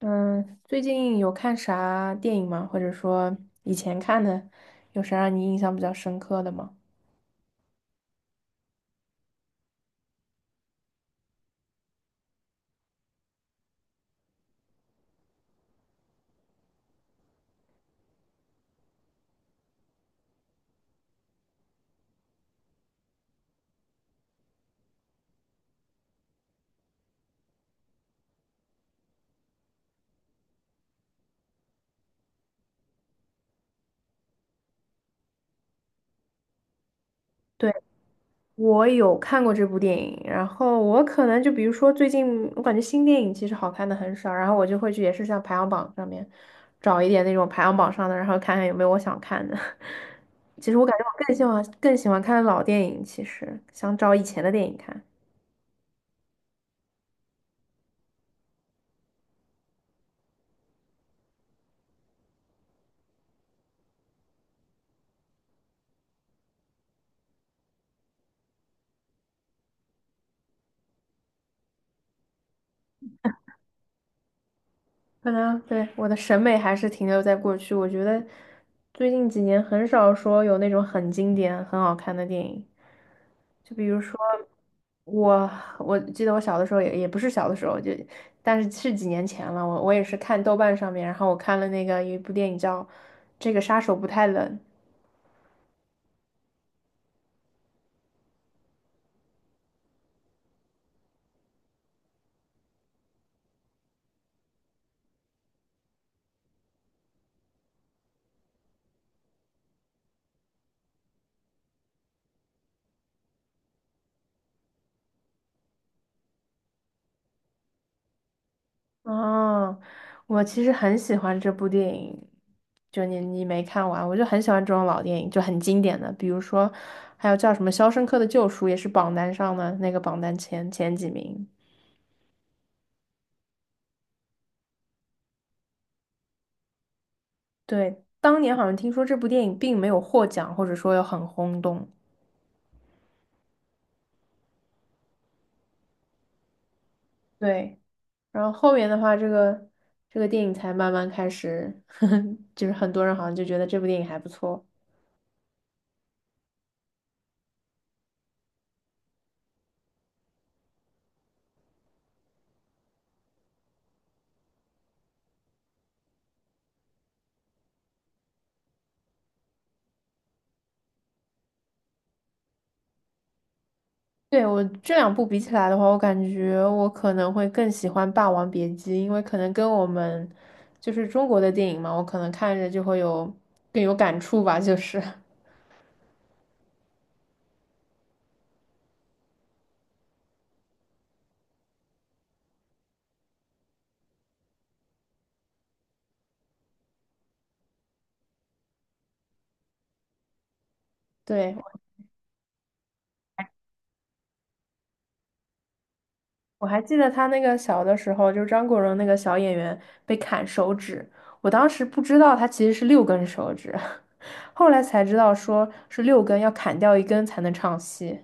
嗯，最近有看啥电影吗？或者说以前看的，有啥让你印象比较深刻的吗？对，我有看过这部电影。然后我可能就比如说最近，我感觉新电影其实好看的很少，然后我就会去也是像排行榜上面找一点那种排行榜上的，然后看看有没有我想看的。其实我感觉我更喜欢看老电影，其实想找以前的电影看。可能对我的审美还是停留在过去，我觉得最近几年很少说有那种很经典、很好看的电影。就比如说我，我记得我小的时候也不是小的时候，就但是是几年前了。我也是看豆瓣上面，然后我看了那个有一部电影叫《这个杀手不太冷》。哦，我其实很喜欢这部电影，就你没看完，我就很喜欢这种老电影，就很经典的，比如说还有叫什么《肖申克的救赎》，也是榜单上的那个榜单前几名。对，当年好像听说这部电影并没有获奖，或者说有很轰动。对，然后后面的话，这个电影才慢慢开始，就是很多人好像就觉得这部电影还不错。对，我这两部比起来的话，我感觉我可能会更喜欢《霸王别姬》，因为可能跟我们就是中国的电影嘛，我可能看着就会有更有感触吧，就是。对，我还记得他那个小的时候，就是张国荣那个小演员被砍手指，我当时不知道他其实是六根手指，后来才知道说是六根要砍掉一根才能唱戏。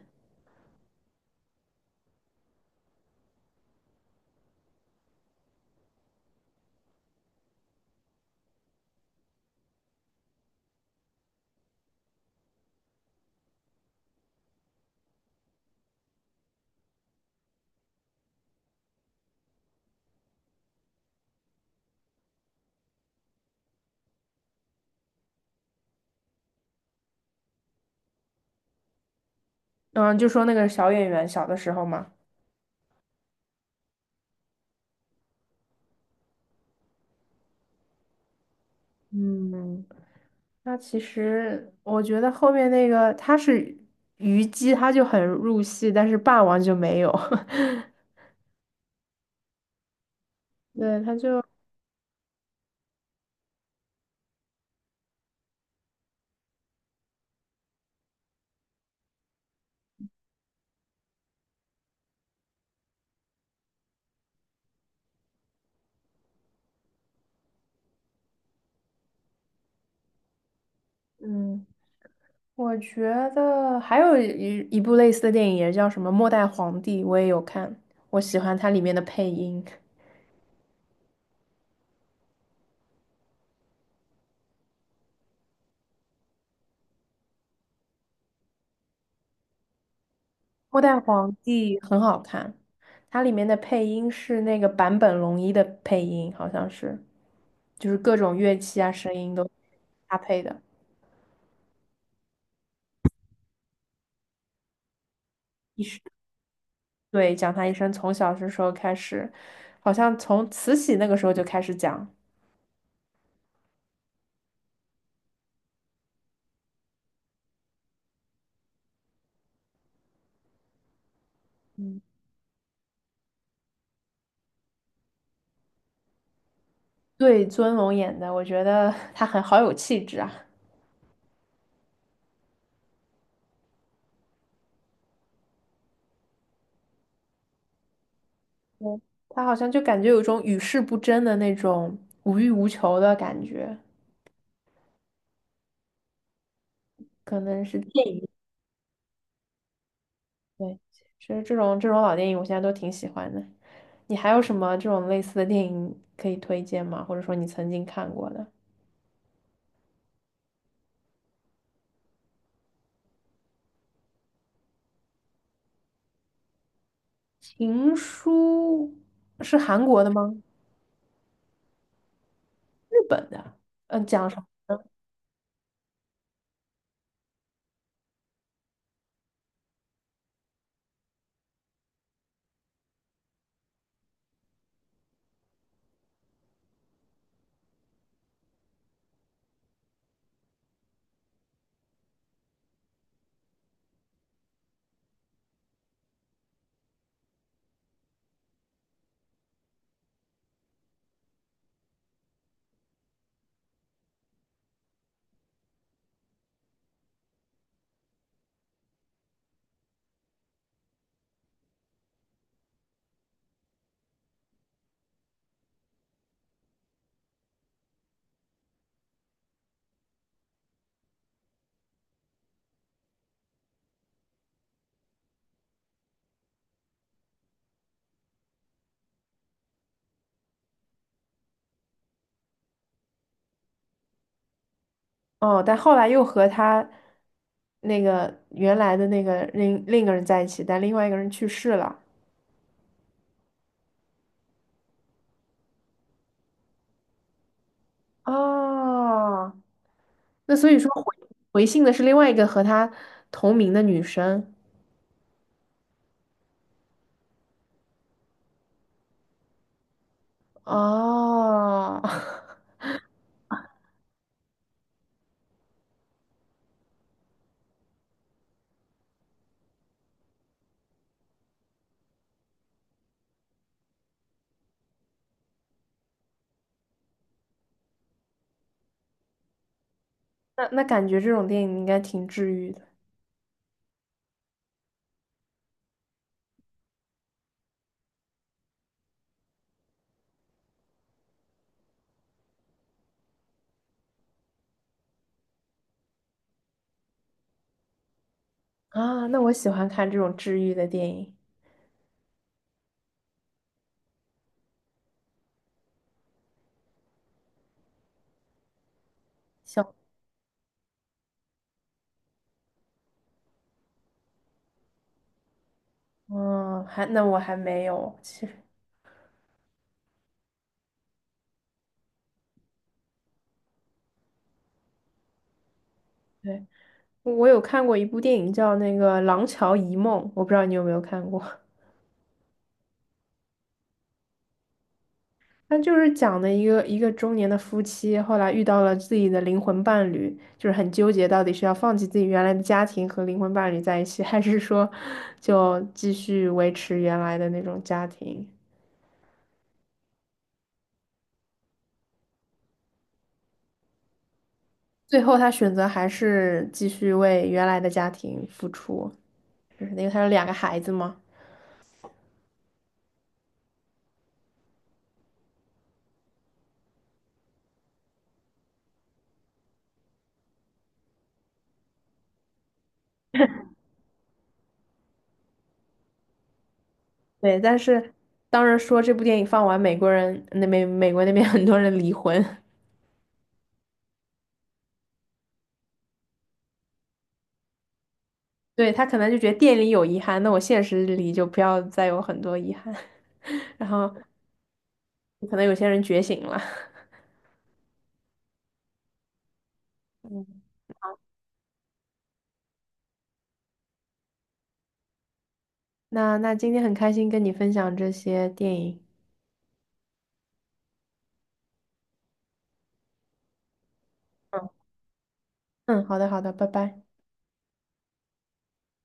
嗯，就说那个小演员小的时候嘛。嗯。它其实我觉得后面那个他是虞姬，他就很入戏，但是霸王就没有。对，他就嗯，我觉得还有一部类似的电影也叫什么《末代皇帝》，我也有看，我喜欢它里面的配音。《末代皇帝》很好看，它里面的配音是那个坂本龙一的配音，好像是，就是各种乐器啊声音都搭配的。对，讲他一生从小是时候开始，好像从慈禧那个时候就开始讲。对，尊龙演的，我觉得 他很好有气质啊。嗯，他好像就感觉有一种与世不争的那种无欲无求的感觉，可能是电影。对，其实这种老电影我现在都挺喜欢的。你还有什么这种类似的电影可以推荐吗？或者说你曾经看过的《情书》是韩国的吗？日本的？嗯，讲什么？哦，但后来又和他那个原来的那个另一个人在一起，但另外一个人去世了。哦，那所以说回信的是另外一个和他同名的女生。哦，那那感觉这种电影应该挺治愈的啊。那我喜欢看这种治愈的电影。小。嗯，还那我还没有，其实对，我有看过一部电影叫那个《廊桥遗梦》，我不知道你有没有看过。他就是讲的一个中年的夫妻，后来遇到了自己的灵魂伴侣，就是很纠结，到底是要放弃自己原来的家庭和灵魂伴侣在一起，还是说就继续维持原来的那种家庭。最后他选择还是继续为原来的家庭付出，就是因为他有两个孩子嘛。对，但是当时说这部电影放完，美国人那美国那边 很多人离婚。对，他可能就觉得电影里有遗憾，那我现实里就不要再有很多遗憾。然后可能有些人觉醒了。嗯，那那今天很开心跟你分享这些电影。嗯。嗯，好的好的，拜拜。